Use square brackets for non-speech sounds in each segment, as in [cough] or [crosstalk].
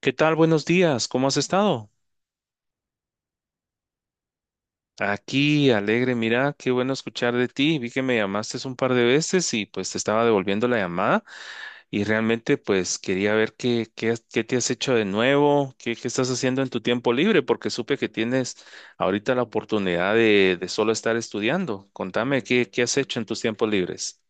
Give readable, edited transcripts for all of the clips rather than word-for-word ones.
¿Qué tal? Buenos días. ¿Cómo has estado? Aquí, alegre. Mira, qué bueno escuchar de ti. Vi que me llamaste un par de veces y pues te estaba devolviendo la llamada y realmente pues quería ver qué te has hecho de nuevo, qué estás haciendo en tu tiempo libre, porque supe que tienes ahorita la oportunidad de solo estar estudiando. Contame, ¿ qué has hecho en tus tiempos libres?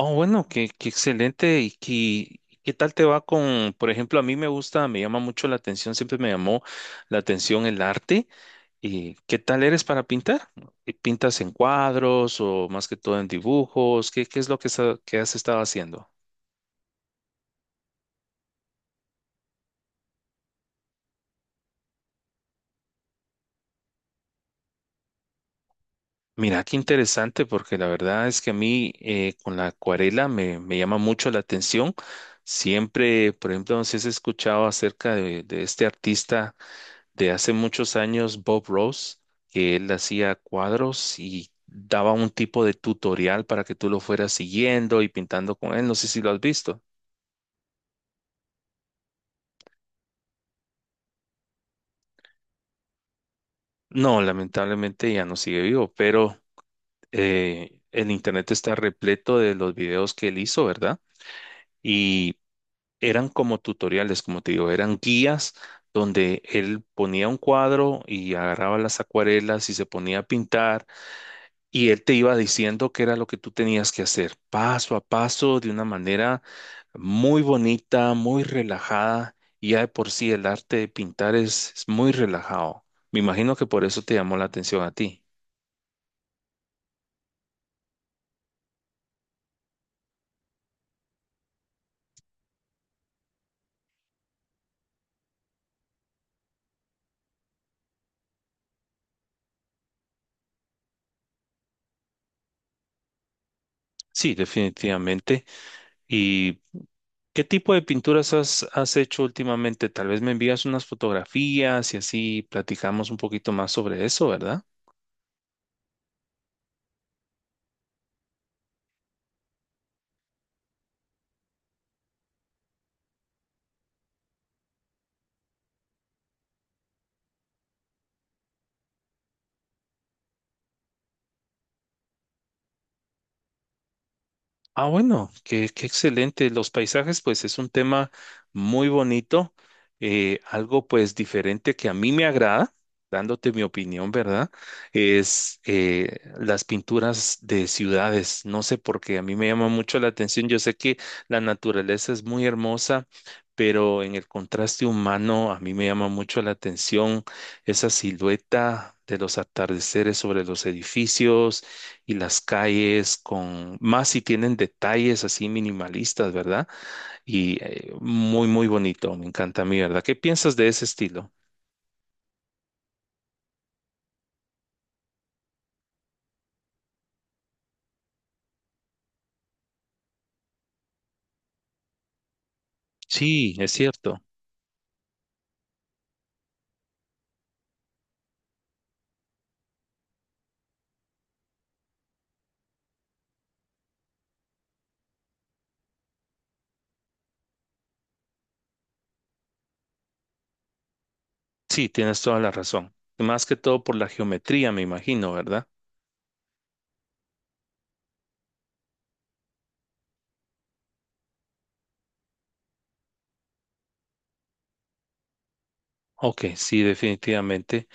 Oh, bueno, qué excelente. ¿Y qué tal te va con, por ejemplo, a mí me gusta, me llama mucho la atención, siempre me llamó la atención el arte? ¿Y qué tal eres para pintar? ¿Y ¿Pintas en cuadros o más que todo en dibujos? ¿ qué es lo que, que has estado haciendo? Mira, qué interesante, porque la verdad es que a mí con la acuarela me llama mucho la atención. Siempre, por ejemplo, no sé si has escuchado acerca de este artista de hace muchos años, Bob Ross, que él hacía cuadros y daba un tipo de tutorial para que tú lo fueras siguiendo y pintando con él. No sé si lo has visto. No, lamentablemente ya no sigue vivo, pero el internet está repleto de los videos que él hizo, ¿verdad? Y eran como tutoriales, como te digo, eran guías donde él ponía un cuadro y agarraba las acuarelas y se ponía a pintar y él te iba diciendo qué era lo que tú tenías que hacer, paso a paso, de una manera muy bonita, muy relajada. Y ya de por sí el arte de pintar es muy relajado. Me imagino que por eso te llamó la atención a ti. Sí, definitivamente. ¿Y qué tipo de pinturas has hecho últimamente? Tal vez me envías unas fotografías y así platicamos un poquito más sobre eso, ¿verdad? Ah, bueno, qué excelente. Los paisajes, pues es un tema muy bonito, algo pues diferente que a mí me agrada, dándote mi opinión, ¿verdad? Es las pinturas de ciudades. No sé por qué, a mí me llama mucho la atención. Yo sé que la naturaleza es muy hermosa, pero en el contraste humano a mí me llama mucho la atención esa silueta de los atardeceres sobre los edificios y las calles con, más si tienen detalles así minimalistas, ¿verdad? Y muy, muy bonito, me encanta a mí, ¿verdad? ¿Qué piensas de ese estilo? Sí, es cierto. Sí, tienes toda la razón. Más que todo por la geometría, me imagino, ¿verdad? Ok, sí, definitivamente.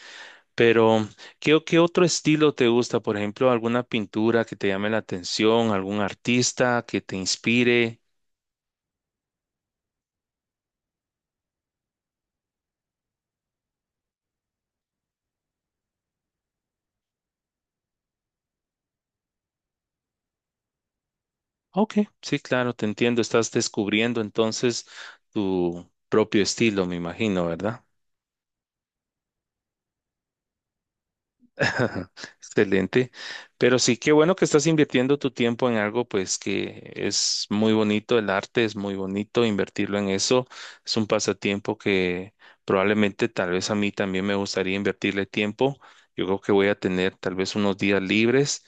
Pero, ¿ qué otro estilo te gusta? Por ejemplo, alguna pintura que te llame la atención, algún artista que te inspire. Ok, sí, claro, te entiendo. Estás descubriendo entonces tu propio estilo, me imagino, ¿verdad? [laughs] Excelente. Pero sí, qué bueno que estás invirtiendo tu tiempo en algo, pues que es muy bonito, el arte es muy bonito, invertirlo en eso es un pasatiempo que probablemente tal vez a mí también me gustaría invertirle tiempo. Yo creo que voy a tener tal vez unos días libres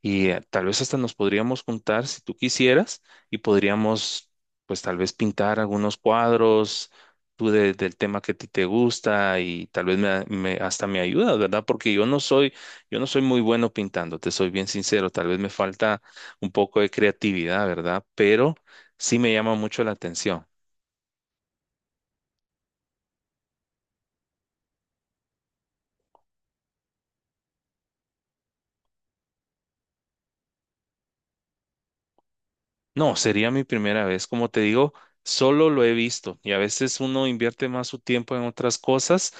y tal vez hasta nos podríamos juntar si tú quisieras y podríamos, pues tal vez pintar algunos cuadros, tú del tema que a ti te gusta y tal vez hasta me ayudas, ¿verdad? Porque yo no soy muy bueno pintando, te soy bien sincero, tal vez me falta un poco de creatividad, ¿verdad? Pero sí me llama mucho la atención. No, sería mi primera vez. Como te digo, solo lo he visto y a veces uno invierte más su tiempo en otras cosas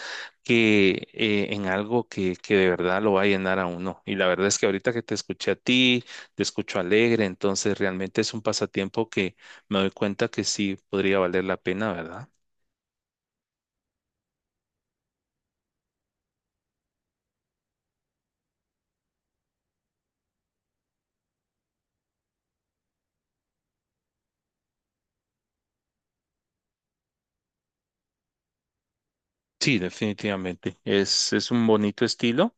que en algo que de verdad lo va a llenar a uno. Y la verdad es que ahorita que te escuché a ti, te escucho alegre, entonces realmente es un pasatiempo que me doy cuenta que sí podría valer la pena, ¿verdad? Sí, definitivamente. Es un bonito estilo.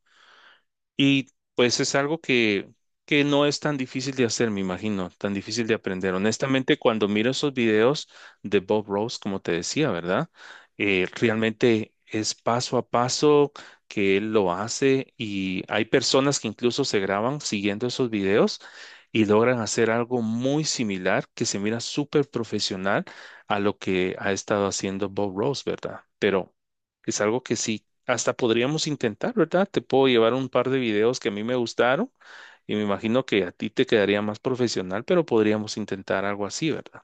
Y pues es algo que no es tan difícil de hacer, me imagino, tan difícil de aprender. Honestamente, cuando miro esos videos de Bob Ross, como te decía, ¿verdad? Realmente es paso a paso que él lo hace y hay personas que incluso se graban siguiendo esos videos y logran hacer algo muy similar que se mira súper profesional a lo que ha estado haciendo Bob Ross, ¿verdad? Pero es algo que sí hasta podríamos intentar, ¿verdad? Te puedo llevar un par de videos que a mí me gustaron y me imagino que a ti te quedaría más profesional, pero podríamos intentar algo así, ¿verdad?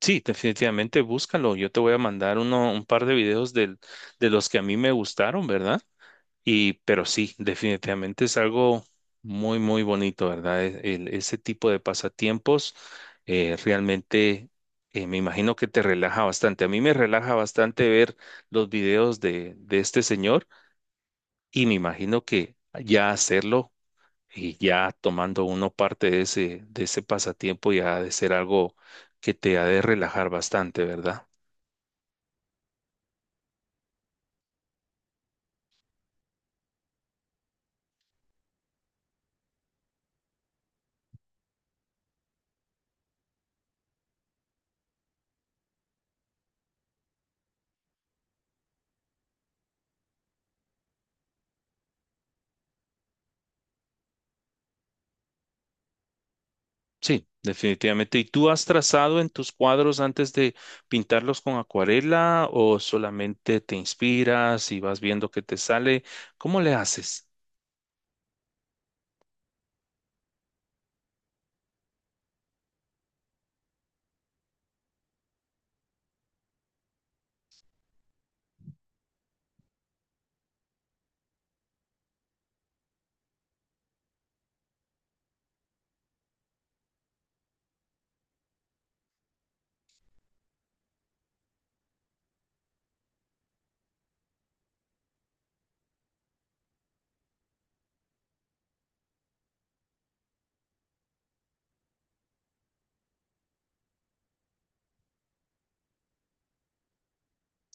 Sí, definitivamente búscalo. Yo te voy a mandar uno, un par de videos de los que a mí me gustaron, ¿verdad? Y, pero sí, definitivamente es algo muy, muy bonito, ¿verdad? Ese tipo de pasatiempos realmente me imagino que te relaja bastante. A mí me relaja bastante ver los videos de este señor y me imagino que ya hacerlo y ya tomando uno parte de ese pasatiempo ya ha de ser algo que te ha de relajar bastante, ¿verdad? Sí, definitivamente. ¿Y tú has trazado en tus cuadros antes de pintarlos con acuarela o solamente te inspiras y vas viendo qué te sale? ¿Cómo le haces?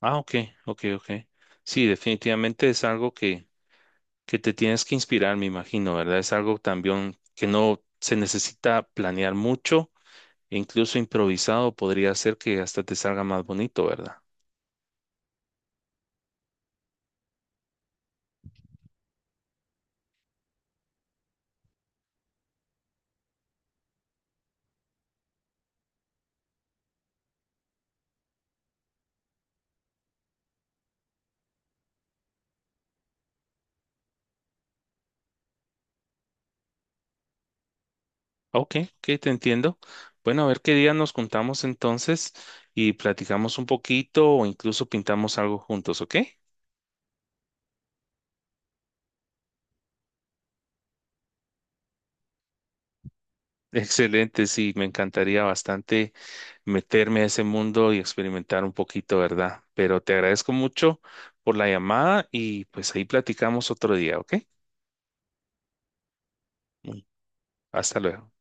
Ah, ok, ok, ok. Sí, definitivamente es algo que te tienes que inspirar, me imagino, ¿verdad? Es algo también que no se necesita planear mucho, e incluso improvisado podría ser que hasta te salga más bonito, ¿verdad? Ok, ok, te entiendo. Bueno, a ver qué día nos juntamos entonces y platicamos un poquito o incluso pintamos algo juntos, ¿ok? [laughs] Excelente, sí, me encantaría bastante meterme a ese mundo y experimentar un poquito, ¿verdad? Pero te agradezco mucho por la llamada y pues ahí platicamos otro día, ¿ok? Hasta luego.